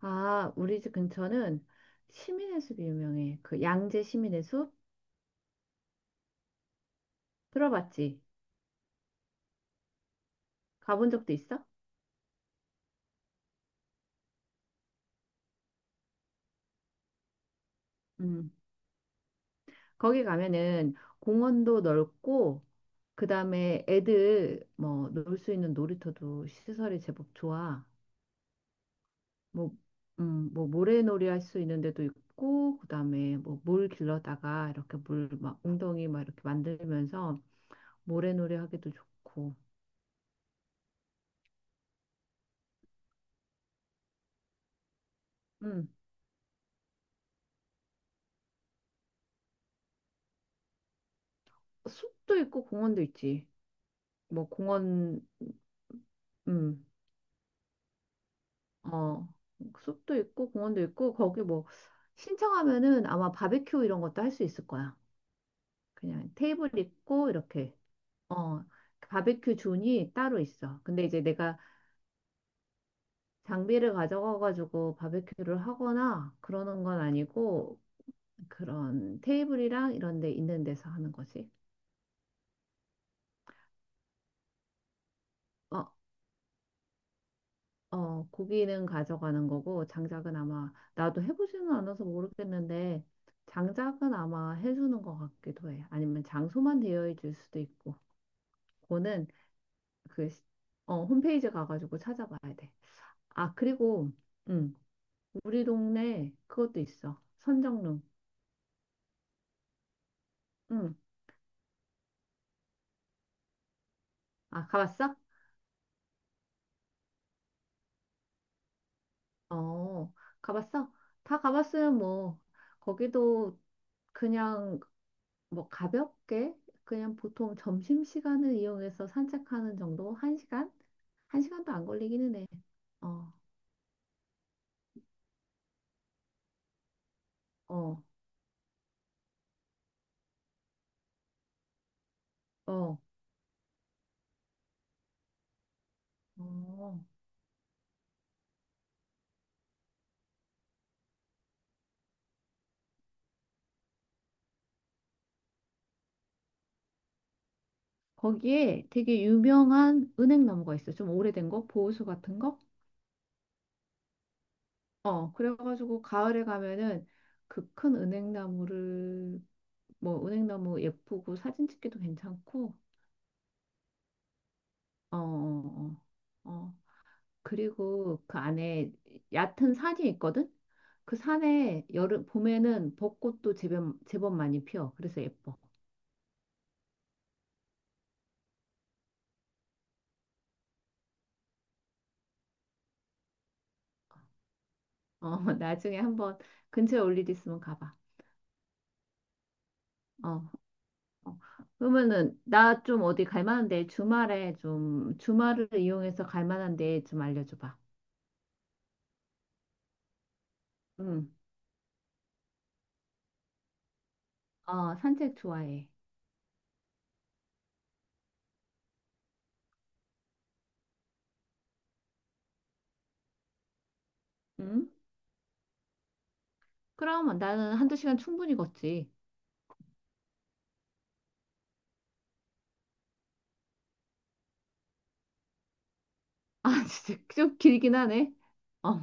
아, 우리 집 근처는 시민의 숲이 유명해. 그 양재 시민의 숲 들어봤지? 가본 적도 있어? 음. 거기 가면은 공원도 넓고 그다음에 애들 뭐 놀 수 있는 놀이터도 시설이 제법 좋아. 뭐 뭐 모래놀이 할 수 있는 데도 있고 그다음에 뭐 물 길러다가 이렇게 물 막 웅덩이 막 이렇게 만들면서 모래놀이 하기도 좋고. 음. 숲도 있고 공원도 있지. 뭐 공원 음. 어, 숲도 있고 공원도 있고 거기 뭐 신청하면은 아마 바베큐 이런 것도 할 수 있을 거야. 그냥 테이블 있고 이렇게 어 바베큐 존이 따로 있어. 근데 이제 내가 장비를 가져가가지고 바베큐를 하거나 그러는 건 아니고 그런 테이블이랑 이런 데 있는 데서 하는 거지. 어, 어, 고기는 가져가는 거고, 장작은 아마, 나도 해보지는 않아서 모르겠는데, 장작은 아마 해주는 것 같기도 해. 아니면 장소만 되어 있을 수도 있고, 그거는 그, 어, 홈페이지 가가지고 찾아봐야 돼. 아, 그리고, 음 우리 동네 그것도 있어. 선정릉. 응. 아, 가봤어? 어, 가봤어? 다 가봤으면 뭐, 거기도 그냥 뭐 가볍게 그냥 보통 점심시간을 이용해서 산책하는 정도? 한 시간? 한 시간도 안 걸리기는 해. 어, 어, 어, 어. 거기에 되게 유명한 은행나무가 있어. 좀 오래된 거? 보호수 같은 거? 어, 그래가지고 가을에 가면은 그 큰 은행나무를 뭐 은행나무 예쁘고 사진 찍기도 괜찮고 어, 어, 어. 어. 그리고 그 안에 얕은 산이 있거든? 그 산에 여름, 봄에는 벚꽃도 제법, 제법 많이 피어. 그래서 예뻐. 어, 나중에 한번 근처에 올 일 있으면 가봐. 어, 어. 그러면은 나 좀 어디 갈 만한데 주말에 좀 주말을 이용해서 갈 만한데 좀 알려줘 봐. 응. 어, 산책 좋아해. 응? 그럼 나는 한두 시간 충분히 걷지. 아, 진짜 좀 길긴 하네. 어,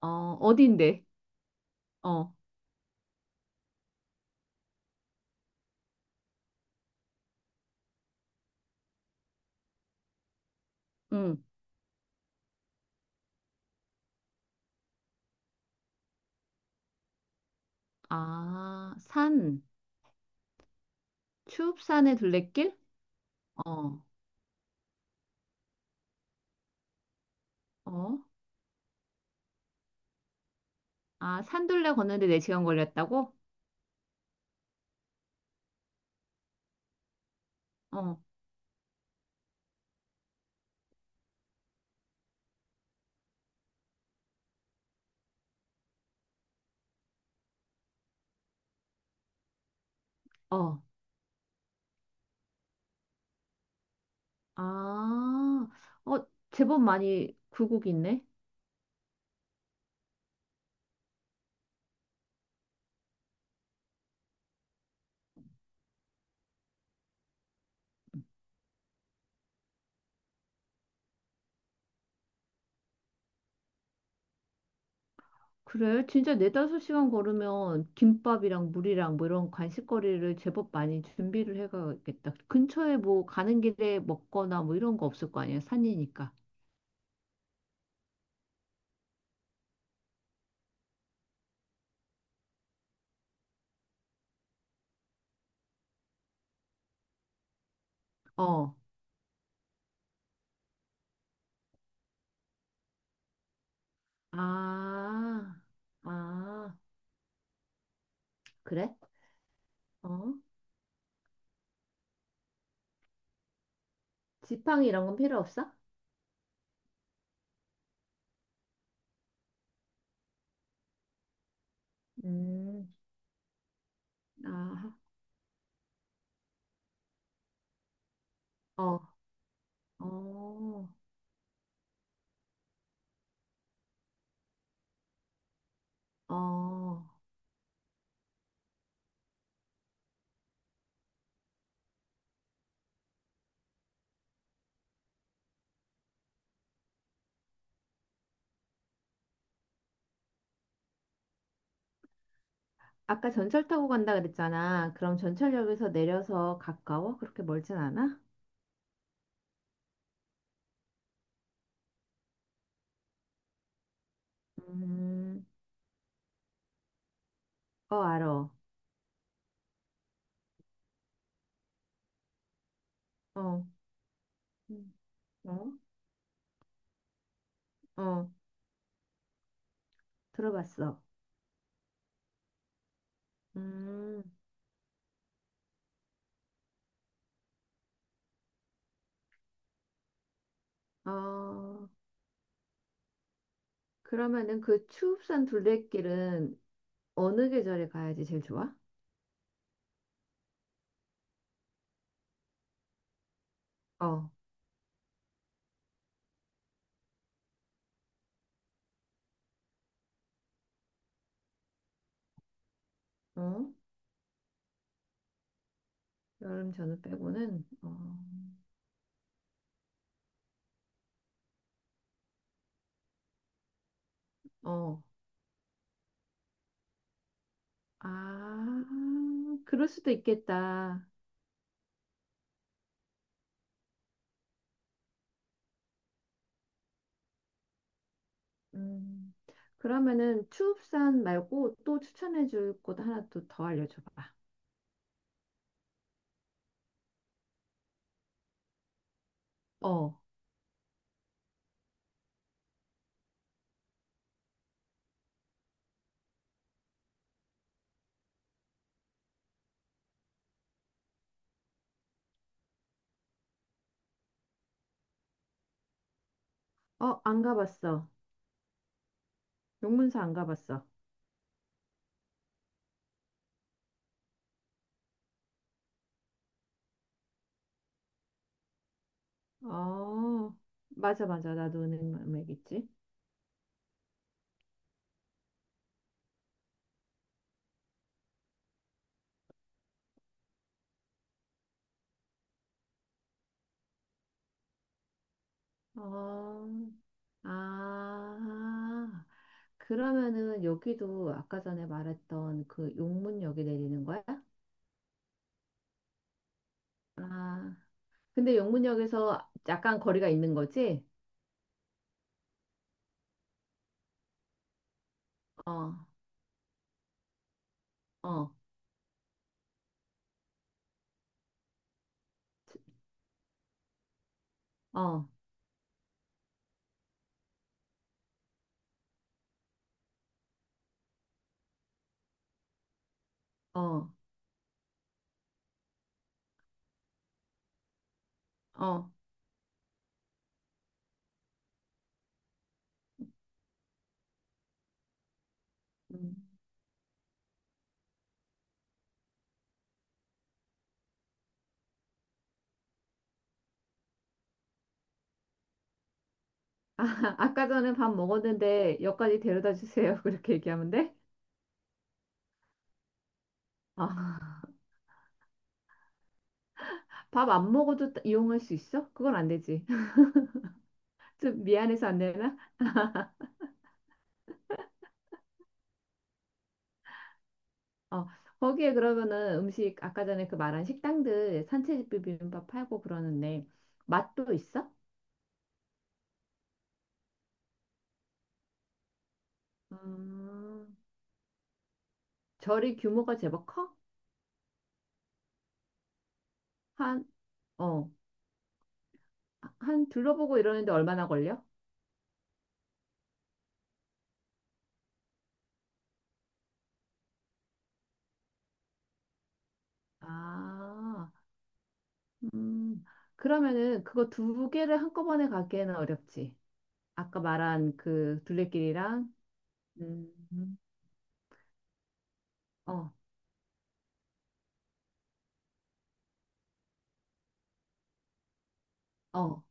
어, 어딘데? 어, 응. 아, 산. 추읍산의 둘레길? 어, 어. 아, 산둘레 걷는데 4시간 걸렸다고? 어, 어. 아, 어, 제법 많이 굴곡 있네. 그래, 진짜 4, 5시간 걸으면 김밥이랑 물이랑 뭐 이런 간식거리를 제법 많이 준비를 해가야겠다. 근처에 뭐 가는 길에 먹거나 뭐 이런 거 없을 거 아니야, 산이니까. 어, 아, 아, 그래? 어? 지팡이 이런 건 필요 없어? 음. 아, 어, 어, 어. 아까 전철 타고 간다 그랬잖아. 그럼 전철역에서 내려서 가까워? 그렇게 멀진 않아? 음, 어, 알어. 어, 음, 어, 어, 들어봤어. 음, 어, 그러면은 그 추읍산 둘레길은 어느 계절에 가야지 제일 좋아? 어, 어, 여름 전후 빼고는, 어, 어, 아, 그럴 수도 있겠다. 음, 그러면은 추읍산 말고 또 추천해줄 곳 하나 또 더 알려줘봐. 어, 어, 안 가봤어. 용문사 안 가봤어. 어, 맞아, 맞아. 나도 은행맥이지. 어, 아, 그러면은 여기도 아까 전에 말했던 그 용문역에 내리는 거야? 아, 근데 용문역에서 약간 거리가 있는 거지? 어, 어, 어, 어, 어. 음. 아, 아까 전에 밥 먹었는데 역까지 데려다 주세요. 그렇게 얘기하면 돼? 아, 밥 안 먹어도 이용할 수 있어? 그건 안 되지. 좀 미안해서 안 되나? 어, 거기에 그러면은 음식 아까 전에 그 말한 식당들 산채집 비빔밥 팔고 그러는데 맛도 있어? 음, 절이 규모가 제법 커? 한, 어, 한 둘러보고 이러는데 얼마나 걸려? 아, 음, 그러면은 그거 두 개를 한꺼번에 가기에는 어렵지. 아까 말한 그 둘레길이랑 음. 어, 어.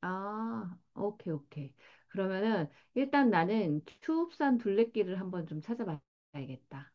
아, 오케이, 오케이. 그러면은 일단 나는 추읍산 둘레길을 한번 좀 찾아봐야겠다.